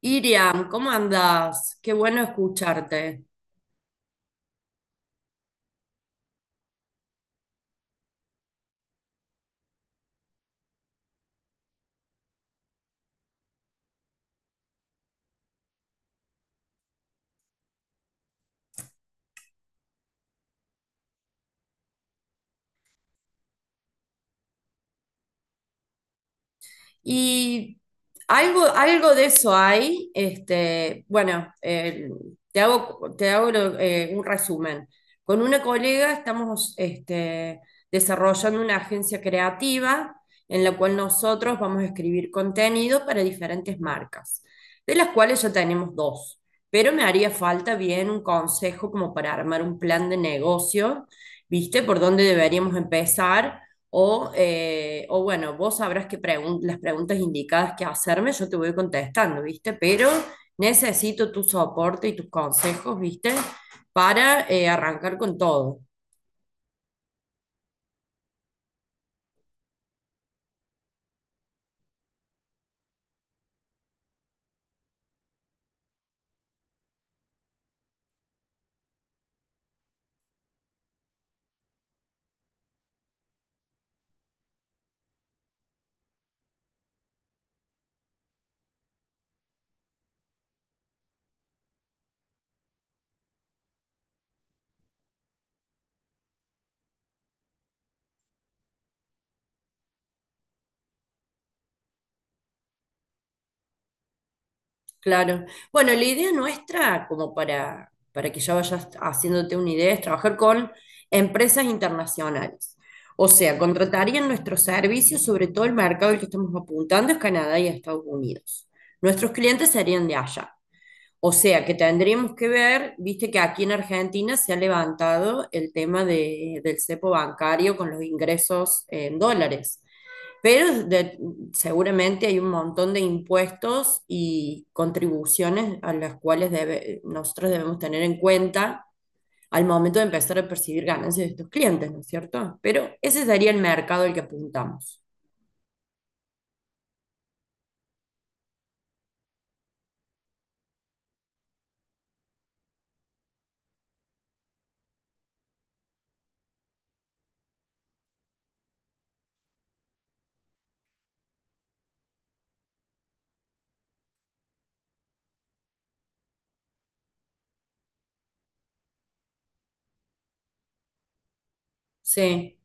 Iriam, ¿cómo andás? Qué bueno escucharte. Y algo, algo de eso hay. Bueno, te hago, te hago un resumen. Con una colega estamos desarrollando una agencia creativa en la cual nosotros vamos a escribir contenido para diferentes marcas, de las cuales ya tenemos dos. Pero me haría falta bien un consejo como para armar un plan de negocio, ¿viste? Por dónde deberíamos empezar o bueno, vos sabrás las preguntas indicadas que hacerme, yo te voy contestando, ¿viste? Pero necesito tu soporte y tus consejos, ¿viste? Para arrancar con todo. Claro. Bueno, la idea nuestra, como para que ya vayas haciéndote una idea, es trabajar con empresas internacionales. O sea, contratarían nuestros servicios, sobre todo el mercado al que estamos apuntando es Canadá y Estados Unidos. Nuestros clientes serían de allá. O sea que tendríamos que ver, viste que aquí en Argentina se ha levantado el tema del cepo bancario con los ingresos en dólares, pero seguramente hay un montón de impuestos y contribuciones a las cuales nosotros debemos tener en cuenta al momento de empezar a percibir ganancias de estos clientes, ¿no es cierto? Pero ese sería el mercado al que apuntamos. Sí.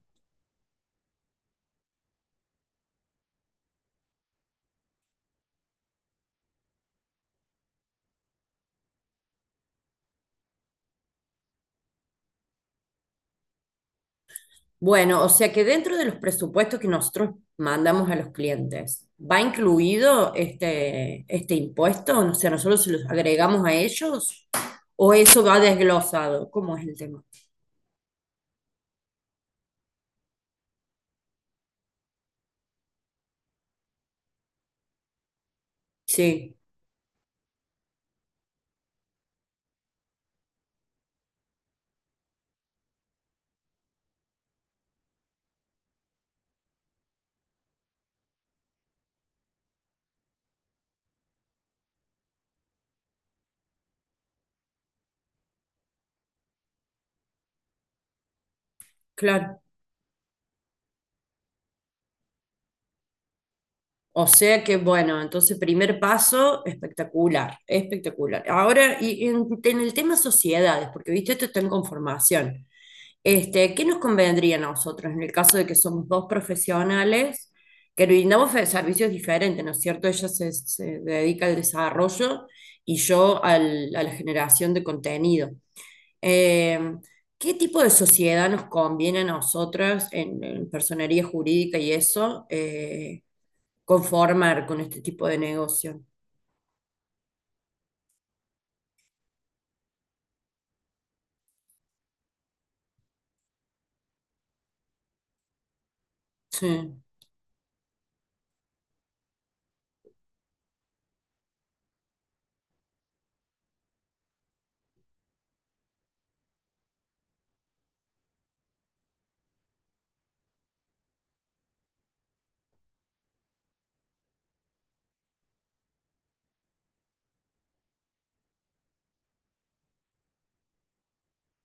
Bueno, o sea que dentro de los presupuestos que nosotros mandamos a los clientes, ¿va incluido este impuesto? O sea, ¿nosotros se los agregamos a ellos o eso va desglosado? ¿Cómo es el tema? Sí, claro. O sea que, bueno, entonces primer paso, espectacular, espectacular. Ahora, y en el tema sociedades, porque viste, esto está en conformación. Este, ¿qué nos convendría a nosotros en el caso de que somos dos profesionales que brindamos servicios diferentes, ¿no es cierto? Ella se dedica al desarrollo y yo a la generación de contenido. Eh, ¿Qué tipo de sociedad nos conviene a nosotras en personería jurídica y eso? Conformar con este tipo de negocio. Sí,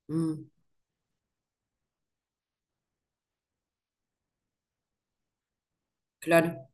mm, claro.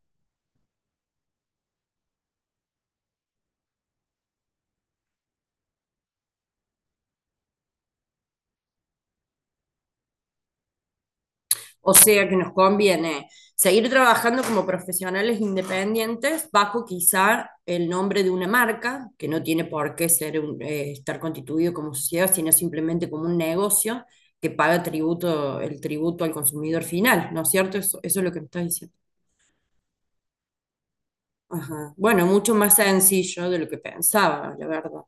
O sea que nos conviene seguir trabajando como profesionales independientes bajo quizá el nombre de una marca, que no tiene por qué ser estar constituido como sociedad, sino simplemente como un negocio que paga tributo, el tributo al consumidor final, ¿no es cierto? Eso es lo que me estás diciendo. Ajá. Bueno, mucho más sencillo de lo que pensaba, la verdad.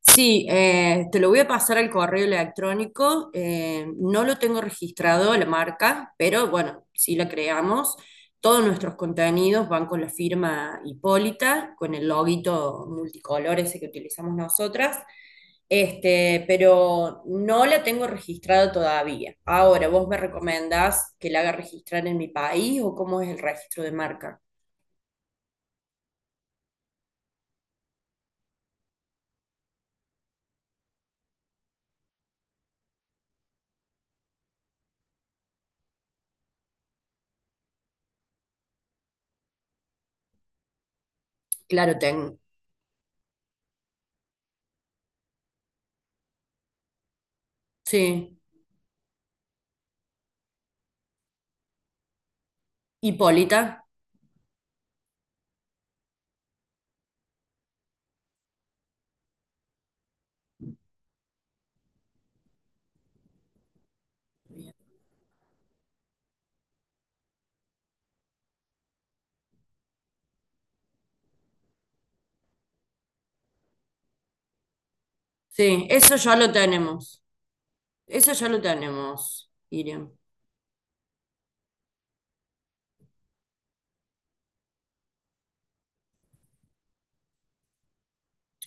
Sí, te lo voy a pasar al correo electrónico. No lo tengo registrado la marca, pero bueno, sí la creamos. Todos nuestros contenidos van con la firma Hipólita, con el loguito multicolor ese que utilizamos nosotras. Este, pero no la tengo registrada todavía. Ahora, ¿vos me recomendás que la haga registrar en mi país o cómo es el registro de marca? Claro, tengo. Sí. Hipólita. Sí, eso ya lo tenemos. Eso ya lo tenemos, Iriam.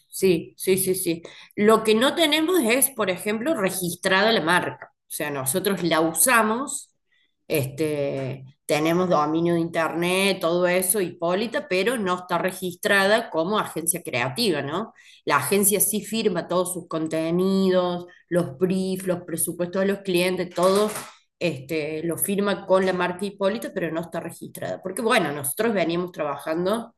Sí, sí, sí, sí. Lo que no tenemos es, por ejemplo, registrada la marca. O sea, nosotros la usamos, tenemos dominio de internet, todo eso, Hipólita, pero no está registrada como agencia creativa, ¿no? La agencia sí firma todos sus contenidos, los briefs, los presupuestos de los clientes, todo. Este, lo firma con la marca Hipólita, pero no está registrada. Porque bueno, nosotros veníamos trabajando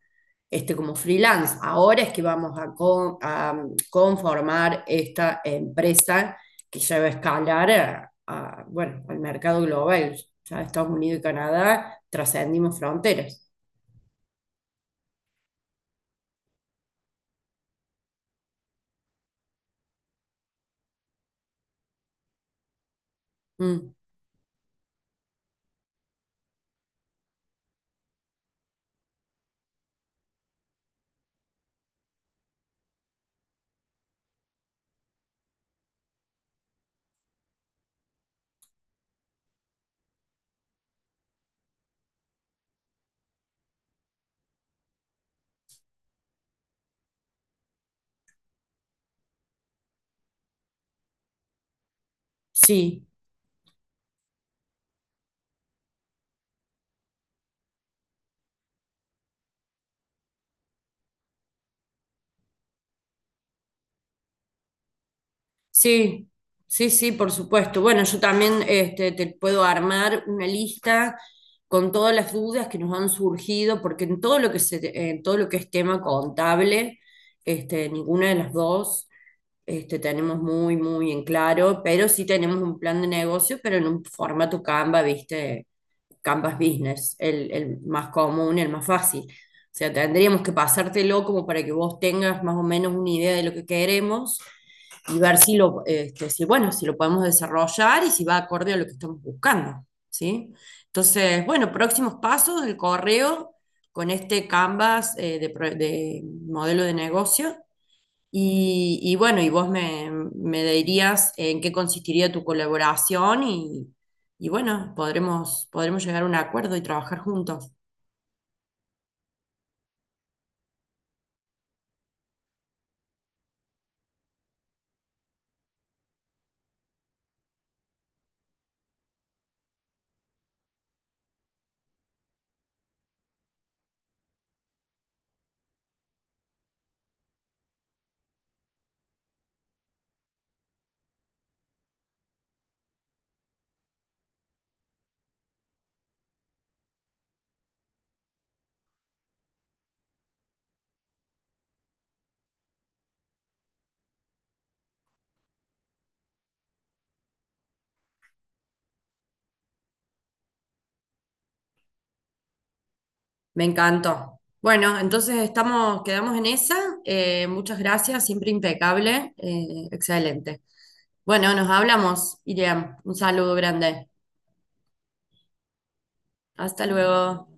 como freelance. Ahora es que vamos a conformar esta empresa que se va a escalar a, bueno, al mercado global. Ya Estados Unidos y Canadá trascendimos fronteras. Mm, sí, sí, sí, sí, por supuesto. Bueno, yo también te puedo armar una lista con todas las dudas que nos han surgido, porque en todo lo que en todo lo que es tema contable, ninguna de las dos tenemos muy, muy en claro, pero sí tenemos un plan de negocio, pero en un formato Canva, ¿viste? Canvas Business, el más común, el más fácil. O sea, tendríamos que pasártelo como para que vos tengas más o menos una idea de lo que queremos y ver si bueno, si lo podemos desarrollar y si va acorde a lo que estamos buscando, ¿sí? Entonces, bueno, próximos pasos, el correo con este Canvas de modelo de negocio. Y bueno, y me dirías en qué consistiría tu colaboración y bueno, podremos llegar a un acuerdo y trabajar juntos. Me encantó. Bueno, entonces estamos, quedamos en esa. Muchas gracias, siempre impecable. Excelente. Bueno, nos hablamos, Iriam. Un saludo grande. Hasta luego.